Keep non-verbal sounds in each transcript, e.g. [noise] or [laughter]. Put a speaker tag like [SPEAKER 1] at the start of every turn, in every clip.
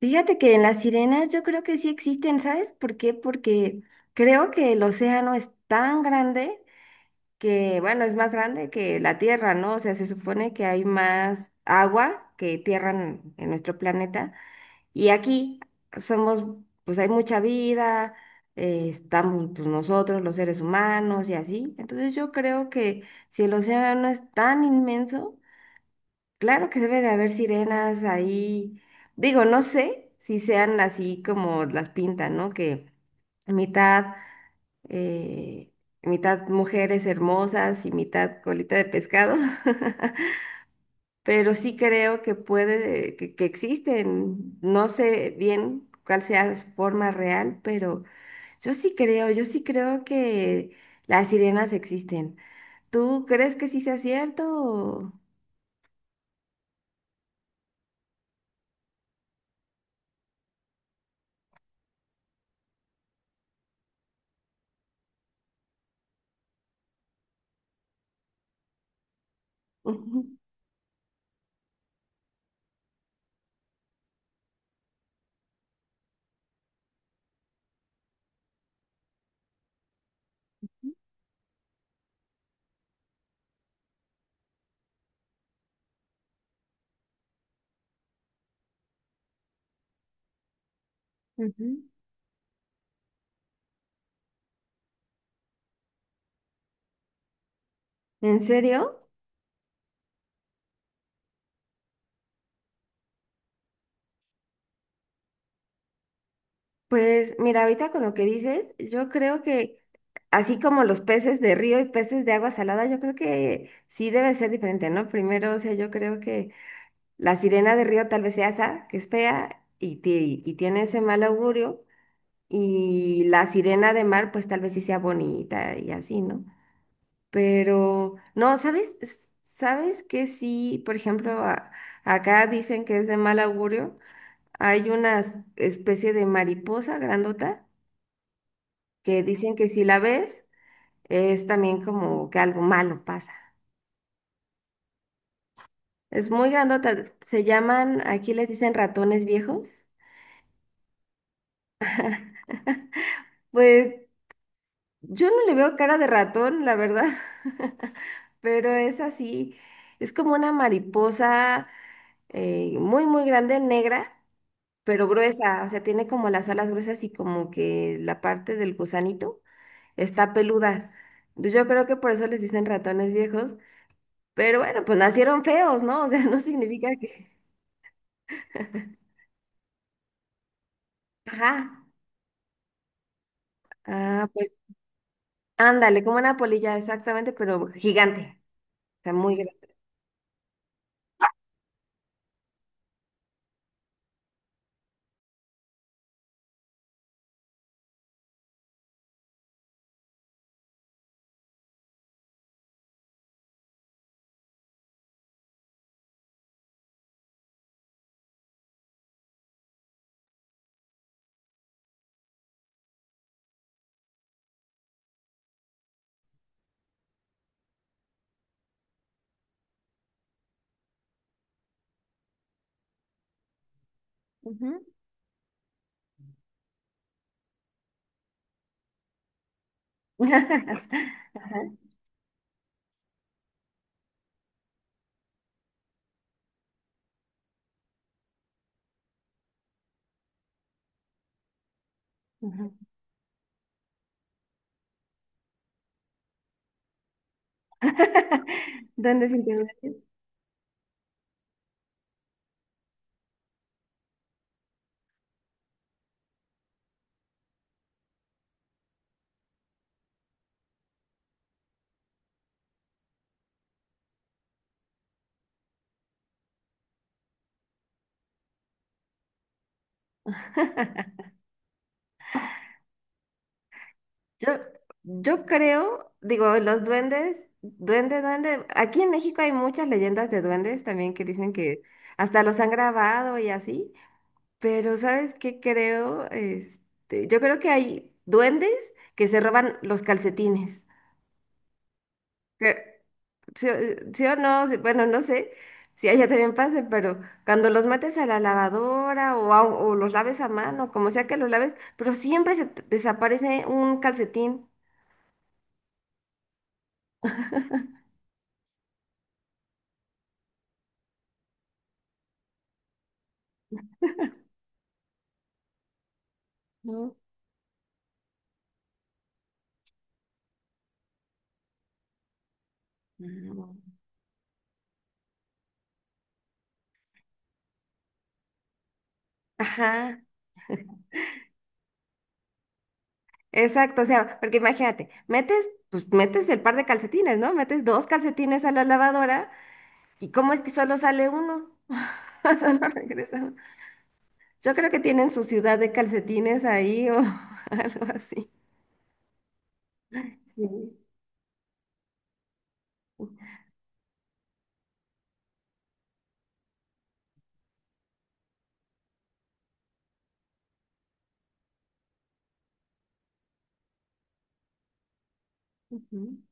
[SPEAKER 1] Fíjate que en las sirenas yo creo que sí existen, ¿sabes por qué? Porque creo que el océano es tan grande que, bueno, es más grande que la Tierra, ¿no? O sea, se supone que hay más agua que tierra en nuestro planeta. Y aquí somos, pues hay mucha vida, estamos pues nosotros, los seres humanos y así. Entonces yo creo que si el océano es tan inmenso, claro que debe de haber sirenas ahí. Digo, no sé si sean así como las pintan, ¿no? Que mitad, eh, mitad mujeres hermosas y mitad colita de pescado. [laughs] Pero sí creo que que existen. No sé bien cuál sea su forma real, pero yo sí creo que las sirenas existen. ¿Tú crees que sí sea cierto? Ujú, ujú. ¿En serio? Pues mira, ahorita con lo que dices, yo creo que así como los peces de río y peces de agua salada, yo creo que sí debe ser diferente, ¿no? Primero, o sea, yo creo que la sirena de río tal vez sea esa, que es fea y y tiene ese mal augurio, y la sirena de mar, pues tal vez sí sea bonita y así, ¿no? Pero, no, ¿sabes? ¿Sabes que sí, por ejemplo, acá dicen que es de mal augurio? Hay una especie de mariposa grandota que dicen que si la ves es también como que algo malo pasa. Es muy grandota, se llaman, aquí les dicen ratones viejos. Pues yo no le veo cara de ratón, la verdad, [laughs] pero es así, es como una mariposa muy, muy grande, negra, pero gruesa, o sea, tiene como las alas gruesas y como que la parte del gusanito está peluda. Yo creo que por eso les dicen ratones viejos. Pero bueno, pues nacieron feos, ¿no? O sea, [laughs] no significa que... Ajá. Ah, pues ándale, como una polilla, exactamente, pero gigante. O sea, muy grande. Ujú. [laughs] Ajá, ujú. [laughs] ¿Duendes sin... Yo, los duendes, duende, duende. Aquí en México hay muchas leyendas de duendes también que dicen que hasta los han grabado y así. Pero ¿sabes qué creo? Yo creo que hay duendes que se roban los calcetines. Que- Sí, o sí o no, sí, bueno, no sé si allá también pase, pero cuando los metes a la lavadora o o los laves a mano, como sea que los laves, pero siempre se te desaparece un calcetín, ¿no? No. Ajá, exacto, o sea, porque imagínate, pues metes el par de calcetines, ¿no? Metes dos calcetines a la lavadora y ¿cómo es que solo sale uno? [laughs] Solo regresa uno. Yo creo que tienen su ciudad de calcetines ahí o [laughs] algo así. Sí. Ujú.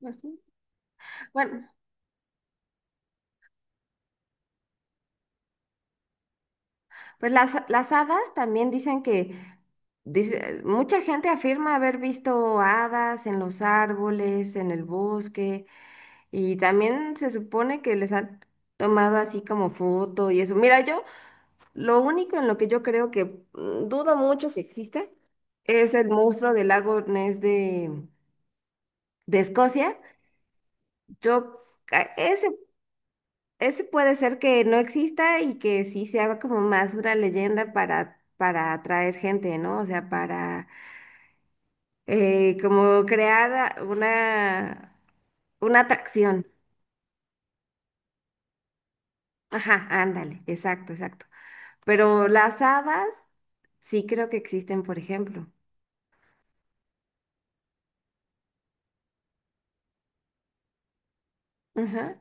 [SPEAKER 1] Ujú. Bueno, pues las hadas también dicen que mucha gente afirma haber visto hadas en los árboles, en el bosque, y también se supone que les han tomado así como foto y eso. Mira, yo lo único en lo que yo creo que dudo mucho si existe es el monstruo del lago Ness de Escocia. Yo, ese... Ese puede ser que no exista y que sí sea como más una leyenda para atraer gente, ¿no? O sea, para como crear una, una atracción. Ajá, ándale, exacto, exacto. Pero las hadas sí creo que existen, por ejemplo. Ajá,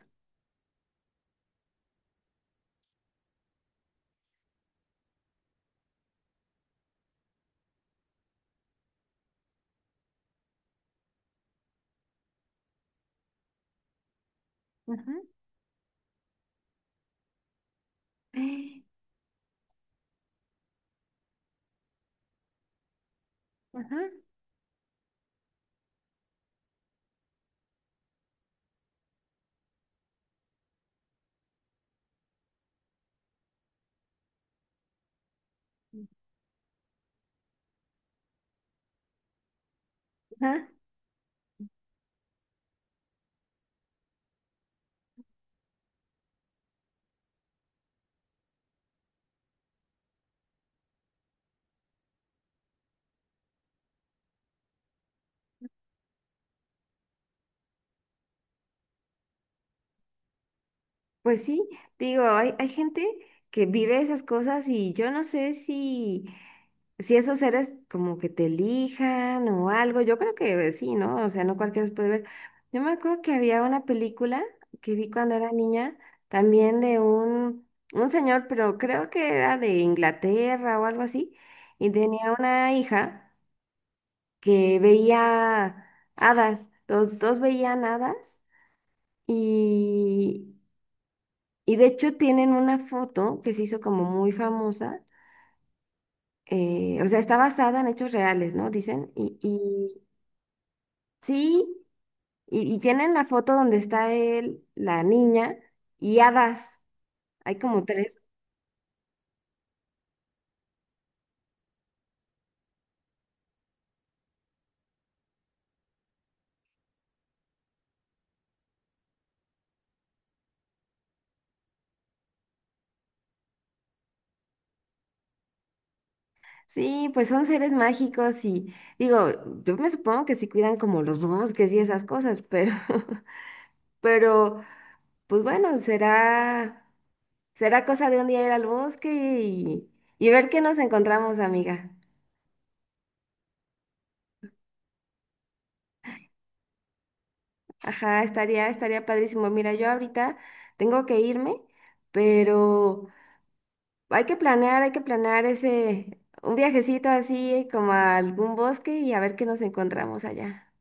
[SPEAKER 1] ajá, [gasps] ajá, ajá. Pues sí, digo, hay gente que vive esas cosas y yo no sé si, si esos seres como que te elijan o algo, yo creo que sí, ¿no? O sea, no cualquiera los puede ver. Yo me acuerdo que había una película que vi cuando era niña, también de un señor, pero creo que era de Inglaterra o algo así, y tenía una hija que veía hadas, los dos veían hadas. Y, y de hecho tienen una foto que se hizo como muy famosa, o sea, está basada en hechos reales, ¿no? Dicen, sí, y tienen la foto donde está él, la niña y hadas, hay como tres. Sí, pues son seres mágicos y digo, yo me supongo que sí cuidan como los bosques y esas cosas, pero, [laughs] pero, pues bueno, será, será cosa de un día ir al bosque y ver qué nos encontramos, amiga. Ajá, estaría, estaría padrísimo. Mira, yo ahorita tengo que irme, pero hay que planear ese, un viajecito así como a algún bosque y a ver qué nos encontramos allá.